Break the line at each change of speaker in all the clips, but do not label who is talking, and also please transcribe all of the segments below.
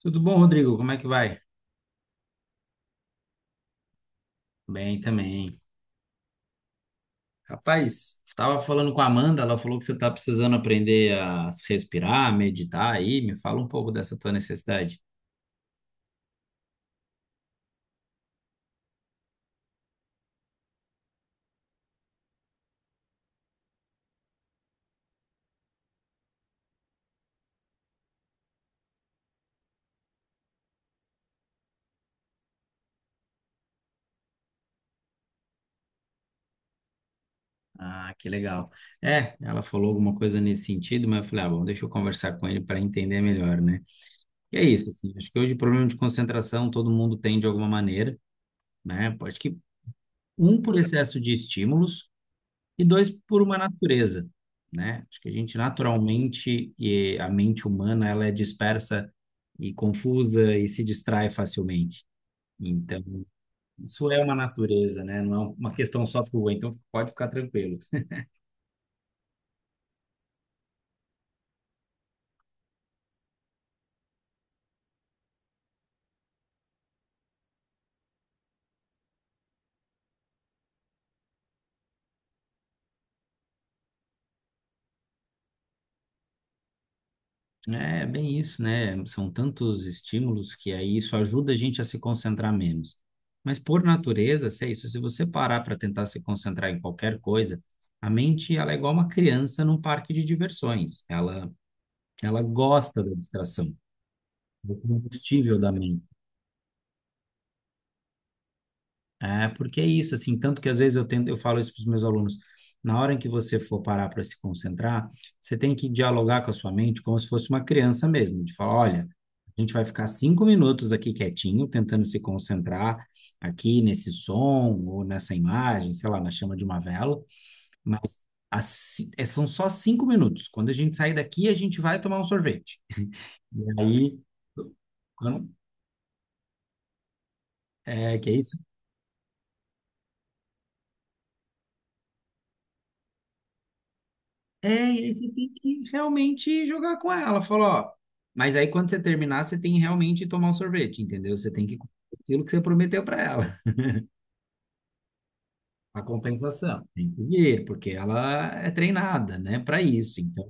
Tudo bom, Rodrigo? Como é que vai? Bem também. Rapaz, estava falando com a Amanda, ela falou que você está precisando aprender a respirar, meditar aí. Me fala um pouco dessa tua necessidade. Ah, que legal. É, ela falou alguma coisa nesse sentido, mas eu falei, ah, bom, deixa eu conversar com ele para entender melhor, né? E é isso, assim, acho que hoje o problema de concentração todo mundo tem de alguma maneira, né? Acho que um por excesso de estímulos, e dois, por uma natureza, né? Acho que a gente naturalmente, e a mente humana, ela é dispersa e confusa e se distrai facilmente. Então, isso é uma natureza, né? Não é uma questão só tua, então pode ficar tranquilo. É bem isso, né? São tantos estímulos que aí isso ajuda a gente a se concentrar menos. Mas por natureza, se é isso, se você parar para tentar se concentrar em qualquer coisa, a mente ela é igual uma criança num parque de diversões. Ela gosta da distração, do combustível da mente. É, porque é isso, assim, tanto que às vezes eu tento, eu falo isso para os meus alunos. Na hora em que você for parar para se concentrar, você tem que dialogar com a sua mente como se fosse uma criança mesmo, de falar, olha, a gente vai ficar 5 minutos aqui quietinho, tentando se concentrar aqui nesse som ou nessa imagem, sei lá, na chama de uma vela, mas as são só 5 minutos. Quando a gente sair daqui, a gente vai tomar um sorvete. E aí, quando, que é isso? É, e aí você tem que realmente jogar com ela. Falou, ó. Mas aí quando você terminar, você tem que realmente tomar um sorvete, entendeu? Você tem que cumprir aquilo que você prometeu para ela, a compensação. Tem que vir, porque ela é treinada, né, para isso. Então,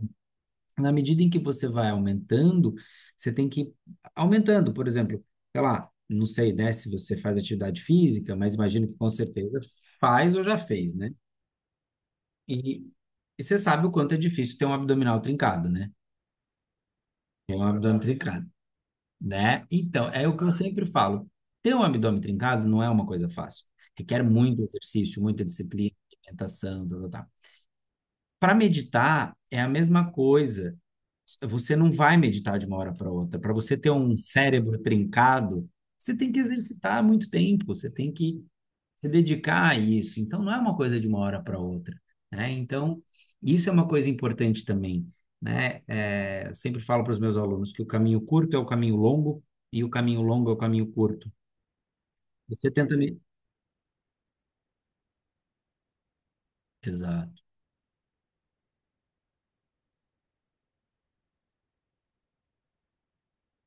na medida em que você vai aumentando, você tem que ir aumentando, por exemplo, sei lá, não sei, né, se você faz atividade física, mas imagino que com certeza faz ou já fez, né? E, e você sabe o quanto é difícil ter um abdominal trincado, né? Tem um abdômen trincado. Né? Então, é o que eu sempre falo. Ter um abdômen trincado não é uma coisa fácil. Requer muito exercício, muita disciplina, alimentação, tá, tá, tá. Para meditar é a mesma coisa. Você não vai meditar de uma hora para outra. Para você ter um cérebro trincado, você tem que exercitar muito tempo, você tem que se dedicar a isso. Então, não é uma coisa de uma hora para outra, né? Então, isso é uma coisa importante também, né? É, eu sempre falo para os meus alunos que o caminho curto é o caminho longo e o caminho longo é o caminho curto. Você tenta me... Exato.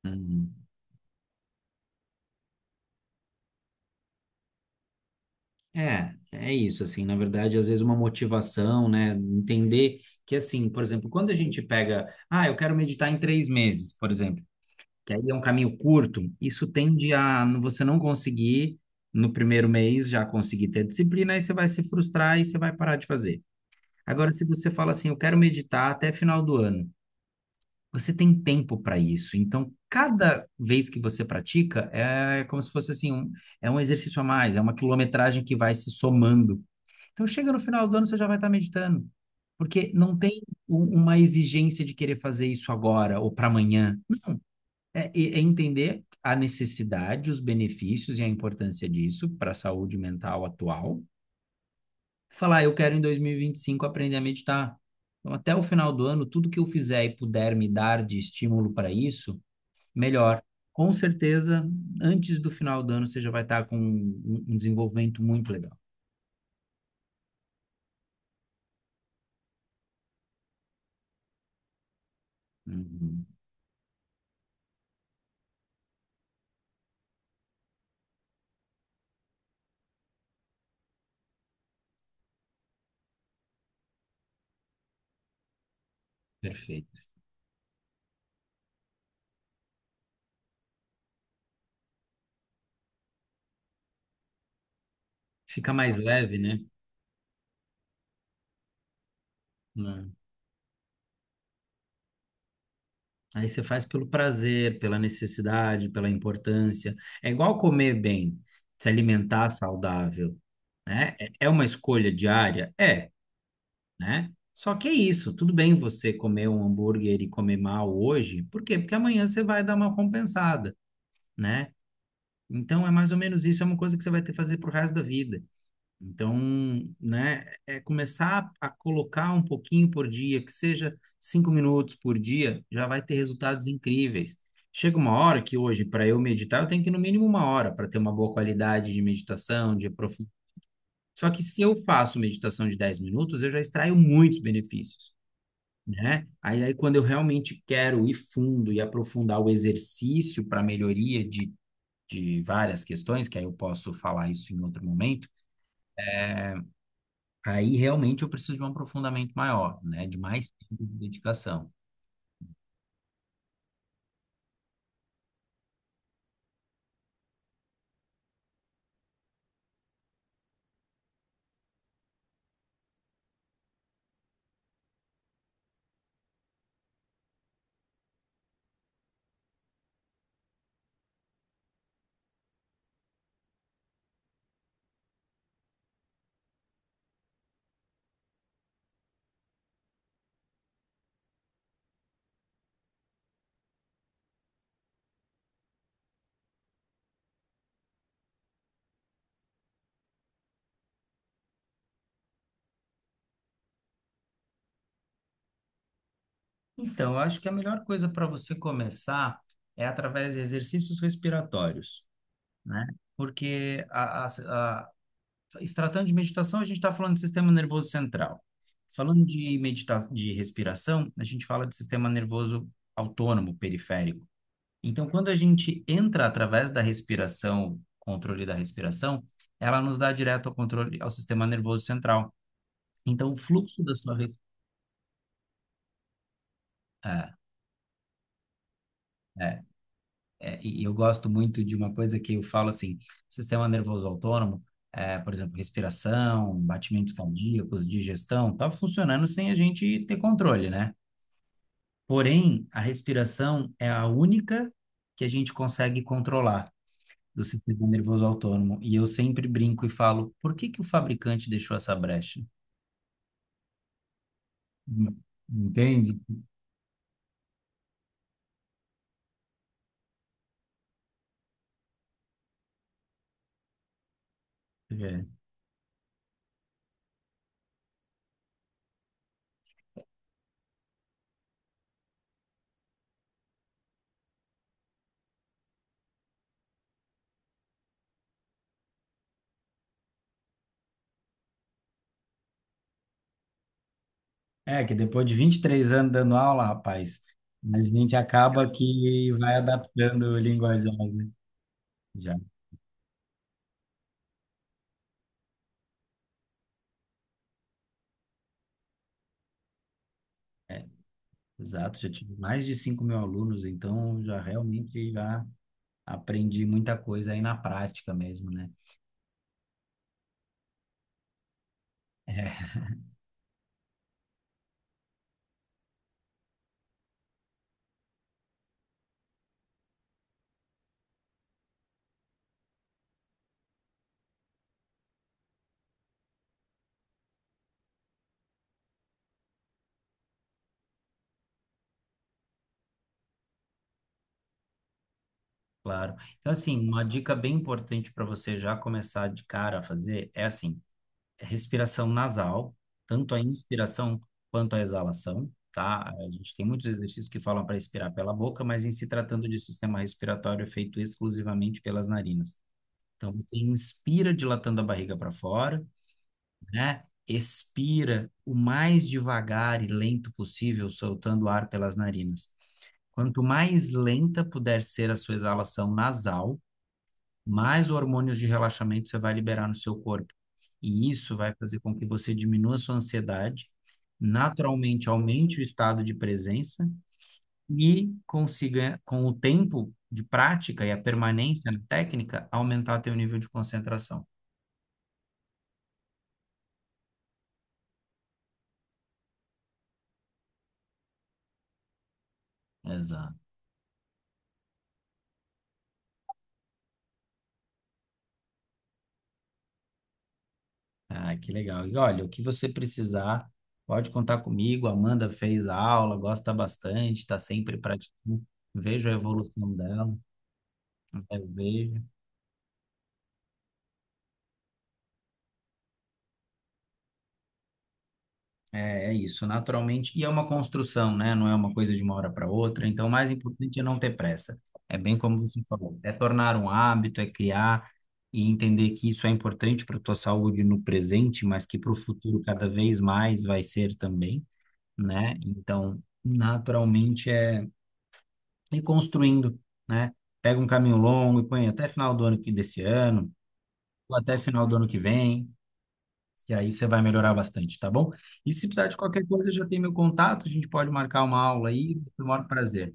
Uhum. É, é isso, assim, na verdade, às vezes uma motivação, né, entender que, assim, por exemplo, quando a gente pega, ah, eu quero meditar em 3 meses, por exemplo, que aí é um caminho curto, isso tende a você não conseguir, no primeiro mês, já conseguir ter disciplina, aí você vai se frustrar e você vai parar de fazer. Agora, se você fala assim, eu quero meditar até final do ano, você tem tempo para isso, então, cada vez que você pratica, é como se fosse, assim, é um exercício a mais, é uma quilometragem que vai se somando então chega no final do ano, você já vai estar meditando. Porque não tem uma exigência de querer fazer isso agora ou para amanhã. É, é entender a necessidade, os benefícios e a importância disso para a saúde mental atual. Falar, eu quero em 2025 aprender a meditar. Então, até o final do ano, tudo que eu fizer e puder me dar de estímulo para isso, melhor. Com certeza, antes do final do ano, você já vai estar com um desenvolvimento muito legal. Uhum, perfeito. Fica mais leve, né? Né? Aí você faz pelo prazer, pela necessidade, pela importância. É igual comer bem, se alimentar saudável, né? É é uma escolha diária? É, né? Só que é isso, tudo bem você comer um hambúrguer e comer mal hoje, por quê? Porque amanhã você vai dar uma compensada, né? Então é mais ou menos isso, é uma coisa que você vai ter que fazer pro resto da vida. Então, né, é começar a colocar um pouquinho por dia, que seja 5 minutos por dia, já vai ter resultados incríveis. Chega uma hora que hoje, para eu meditar, eu tenho que ir no mínimo uma hora para ter uma boa qualidade de meditação, de aprofundamento. Só que se eu faço meditação de 10 minutos, eu já extraio muitos benefícios, né? Aí quando eu realmente quero ir fundo e aprofundar o exercício para melhoria de várias questões, que aí eu posso falar isso em outro momento. Aí realmente eu preciso de um aprofundamento maior, né? De mais tempo de dedicação. Então, eu acho que a melhor coisa para você começar é através de exercícios respiratórios, né? Porque a, se tratando de meditação, a gente está falando de sistema nervoso central. Falando de medita de respiração, a gente fala de sistema nervoso autônomo, periférico. Então, quando a gente entra através da respiração, controle da respiração, ela nos dá direto ao controle ao sistema nervoso central. Então, o fluxo da sua é, é, e eu gosto muito de uma coisa que eu falo assim, sistema nervoso autônomo, é, por exemplo, respiração, batimentos cardíacos, digestão, tá funcionando sem a gente ter controle, né? Porém, a respiração é a única que a gente consegue controlar do sistema nervoso autônomo. E eu sempre brinco e falo, por que que o fabricante deixou essa brecha? Hum, Entende? É. É que depois de 23 anos dando aula, rapaz, a gente acaba que vai adaptando o linguajar, né? Já, exato, já tive mais de 5 mil alunos, então já realmente já aprendi muita coisa aí na prática mesmo, né? Claro. Então, assim, uma dica bem importante para você já começar de cara a fazer é assim, é respiração nasal, tanto a inspiração quanto a exalação, tá? A gente tem muitos exercícios que falam para expirar pela boca, mas em se tratando de sistema respiratório é feito exclusivamente pelas narinas. Então você inspira dilatando a barriga para fora, né? Expira o mais devagar e lento possível, soltando ar pelas narinas. Quanto mais lenta puder ser a sua exalação nasal, mais hormônios de relaxamento você vai liberar no seu corpo. E isso vai fazer com que você diminua a sua ansiedade, naturalmente aumente o estado de presença e consiga, com o tempo de prática e a permanência na técnica, aumentar teu nível de concentração. Exato. Ah, que legal. E olha, o que você precisar, pode contar comigo. A Amanda fez a aula, gosta bastante, está sempre praticando. Vejo a evolução dela, eu vejo. É, é isso, naturalmente. E é uma construção, né? Não é uma coisa de uma hora para outra. Então, o mais importante é não ter pressa. É bem como você falou, é tornar um hábito, é criar e entender que isso é importante para a tua saúde no presente, mas que para o futuro cada vez mais vai ser também, né? Então, naturalmente é ir construindo, né? Pega um caminho longo e põe até final do ano que desse ano, ou até final do ano que vem. E aí você vai melhorar bastante, tá bom? E se precisar de qualquer coisa, já tem meu contato, a gente pode marcar uma aula aí, com o maior prazer,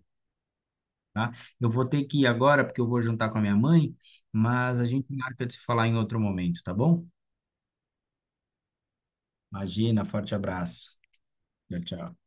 tá? Eu vou ter que ir agora, porque eu vou jantar com a minha mãe, mas a gente marca de se falar em outro momento, tá bom? Imagina, forte abraço. Tchau, tchau.